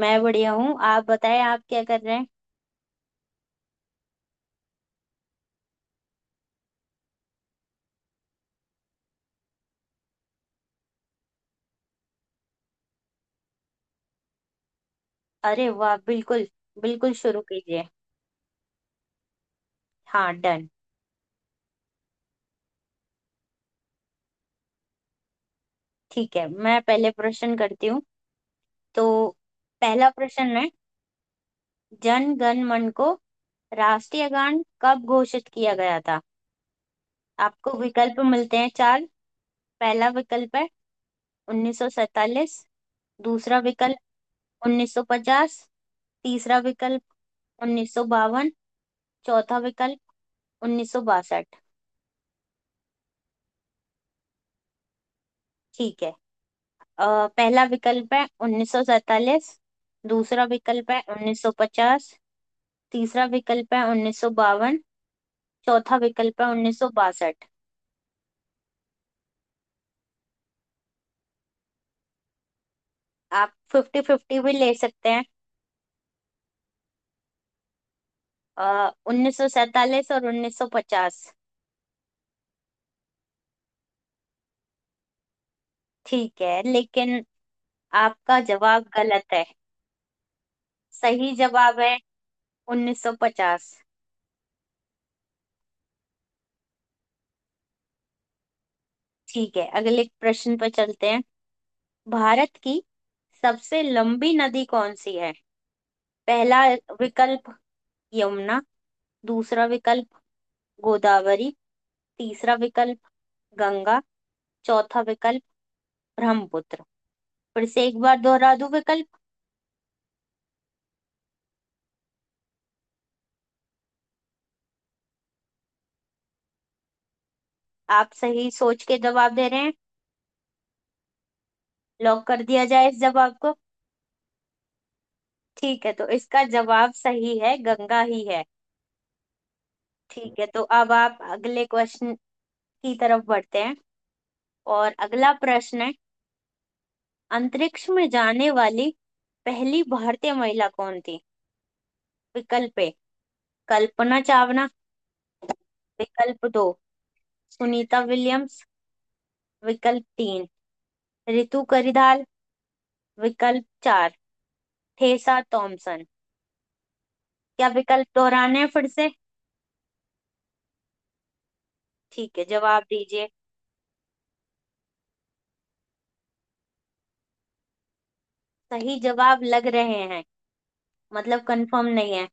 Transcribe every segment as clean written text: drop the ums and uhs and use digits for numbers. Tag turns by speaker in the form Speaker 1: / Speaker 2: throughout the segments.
Speaker 1: मैं बढ़िया हूँ। आप बताएं, आप क्या कर रहे हैं? अरे वाह, बिल्कुल। बिल्कुल शुरू कीजिए। हाँ, डन। ठीक है, मैं पहले प्रश्न करती हूँ। तो पहला प्रश्न है, जन गण मन को राष्ट्रीय गान कब घोषित किया गया था? आपको विकल्प मिलते हैं चार। पहला विकल्प है 1947। दूसरा विकल्प 1950। तीसरा विकल्प 1952। चौथा विकल्प 1962। ठीक है। पहला विकल्प है 1947। दूसरा विकल्प है 1950। तीसरा विकल्प है 1952। चौथा विकल्प है 1962। आप फिफ्टी फिफ्टी भी ले सकते हैं। 1947 और 1950। ठीक है, लेकिन आपका जवाब गलत है। सही जवाब है 1950। ठीक है, अगले प्रश्न पर चलते हैं। भारत की सबसे लंबी नदी कौन सी है? पहला विकल्प यमुना। दूसरा विकल्प गोदावरी। तीसरा विकल्प गंगा। चौथा विकल्प ब्रह्मपुत्र। फिर से एक बार दोहरा दूं विकल्प। आप सही सोच के जवाब दे रहे हैं। लॉक कर दिया जाए इस जवाब को। ठीक है, तो इसका जवाब सही है, गंगा ही है। ठीक है, तो अब आप अगले क्वेश्चन की तरफ बढ़ते हैं। और अगला प्रश्न है, अंतरिक्ष में जाने वाली पहली भारतीय महिला कौन थी? विकल्प ए कल्पना चावला। विकल्प दो सुनीता विलियम्स। विकल्प तीन रितु करिधाल। विकल्प चार ठेसा थॉमसन। क्या विकल्प दोहराने हैं फिर से? ठीक है, जवाब दीजिए। सही जवाब लग रहे हैं। मतलब कंफर्म नहीं है?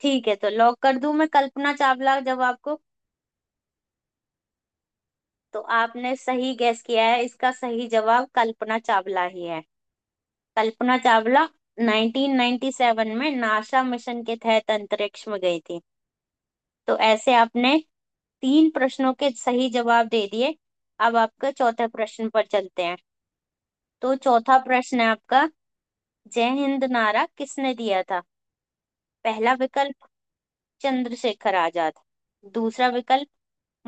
Speaker 1: ठीक है, तो लॉक कर दूं मैं कल्पना चावला जवाब को। तो आपने सही गैस किया है, इसका सही जवाब कल्पना चावला ही है। कल्पना चावला 1997 में नासा मिशन के तहत अंतरिक्ष में गई थी। तो ऐसे आपने तीन प्रश्नों के सही जवाब दे दिए। अब आपके चौथे प्रश्न पर चलते हैं। तो चौथा प्रश्न है आपका, जय हिंद नारा किसने दिया था? पहला विकल्प चंद्रशेखर आजाद। दूसरा विकल्प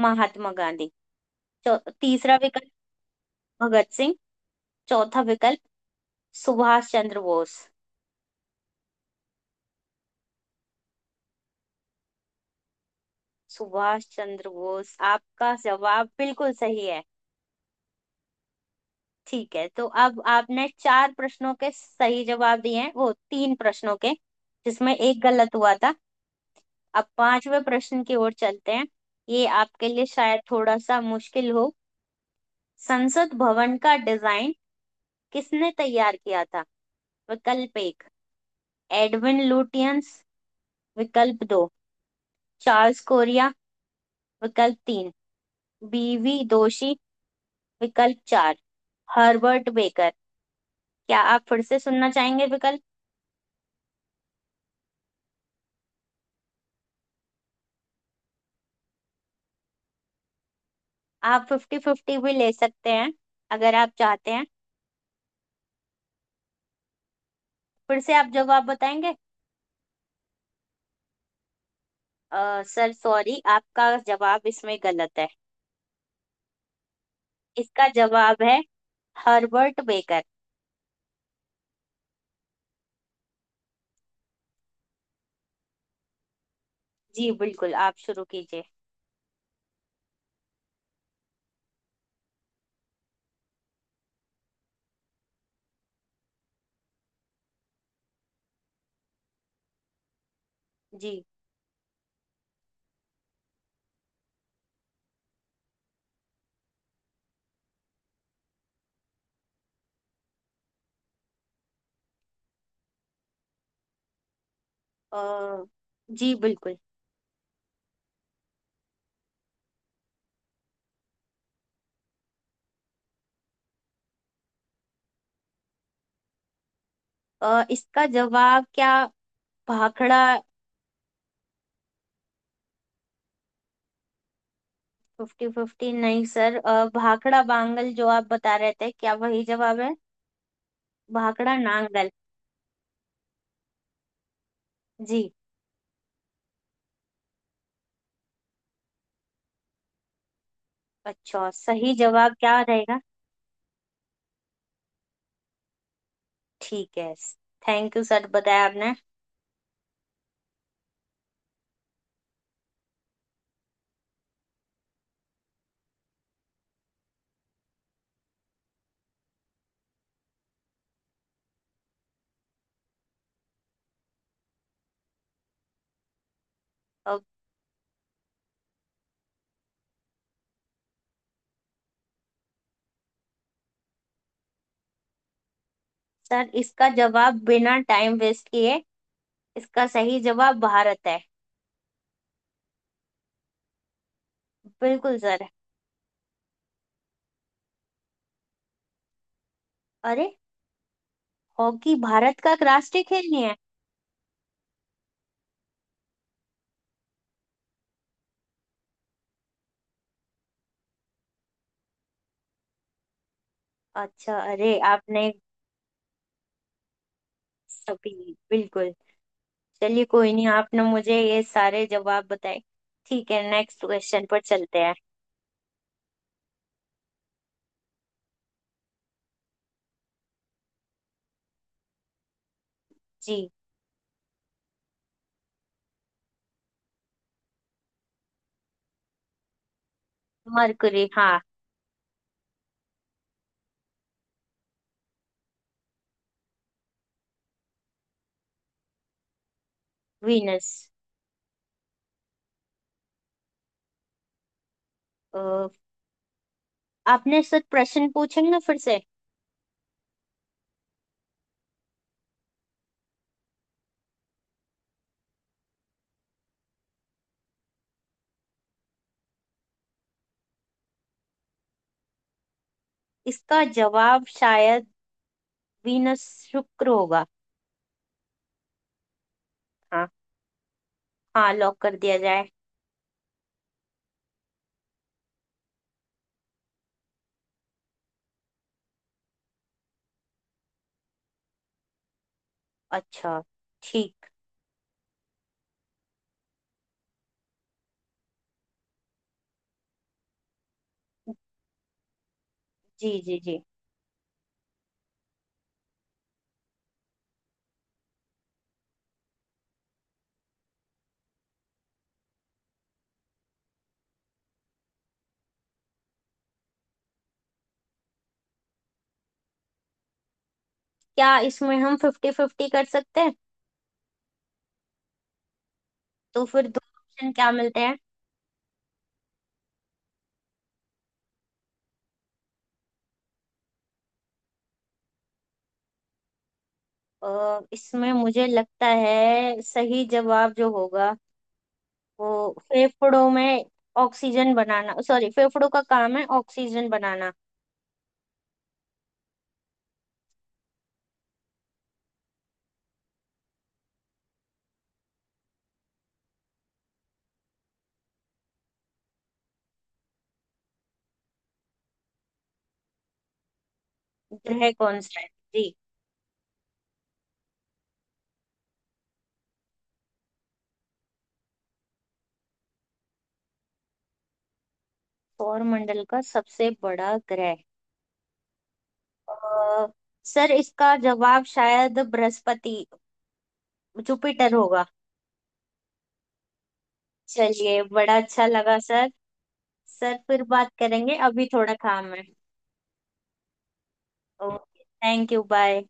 Speaker 1: महात्मा गांधी। तीसरा विकल्प भगत सिंह। चौथा विकल्प सुभाष चंद्र बोस। सुभाष चंद्र बोस, आपका जवाब बिल्कुल सही है। ठीक है, तो अब आपने चार प्रश्नों के सही जवाब दिए हैं, वो तीन प्रश्नों के, जिसमें एक गलत हुआ था। अब पांचवें प्रश्न की ओर चलते हैं। ये आपके लिए शायद थोड़ा सा मुश्किल हो। संसद भवन का डिजाइन किसने तैयार किया था? विकल्प एक एडविन लुटियंस। विकल्प दो चार्ल्स कोरिया। विकल्प तीन बीवी दोषी। विकल्प चार हर्बर्ट बेकर। क्या आप फिर से सुनना चाहेंगे विकल्प? आप फिफ्टी फिफ्टी भी ले सकते हैं अगर आप चाहते हैं। फिर से आप जवाब बताएंगे। सर सॉरी, आपका जवाब इसमें गलत है। इसका जवाब है हर्बर्ट बेकर। जी बिल्कुल, आप शुरू कीजिए। जी। अ, जी बिल्कुल। इसका जवाब क्या, भाखड़ा? फिफ्टी फिफ्टी नहीं सर। भाखड़ा बांगल जो आप बता रहे थे, क्या वही जवाब है? भाखड़ा नांगल। जी। अच्छा, सही जवाब क्या रहेगा? ठीक है, थैंक यू सर, बताया आपने। अब सर इसका जवाब बिना टाइम वेस्ट किए, इसका सही जवाब भारत है। बिल्कुल सर। अरे, हॉकी भारत का राष्ट्रीय खेल नहीं है? अच्छा, अरे आपने सभी, बिल्कुल। चलिए, कोई नहीं, आपने मुझे ये सारे जवाब बताए। ठीक है, नेक्स्ट क्वेश्चन पर चलते हैं। जी। मरकुरी, हाँ। वीनस। आपने सर प्रश्न पूछेंगे फिर से? इसका जवाब शायद वीनस, शुक्र होगा। हाँ। हाँ, लॉक कर दिया जाए। अच्छा। ठीक। जी जी जी। क्या इसमें हम फिफ्टी फिफ्टी कर सकते हैं? तो फिर दो ऑप्शन क्या मिलते हैं? इसमें मुझे लगता है सही जवाब जो होगा, वो फेफड़ों में ऑक्सीजन बनाना, सॉरी, फेफड़ों का काम है ऑक्सीजन बनाना। ग्रह कौन सा है? जी। सौरमंडल का सबसे बड़ा ग्रह। अ, सर इसका जवाब शायद बृहस्पति, जुपिटर होगा। चलिए, बड़ा अच्छा लगा सर। सर फिर बात करेंगे, अभी थोड़ा काम है। Okay, thank you, bye.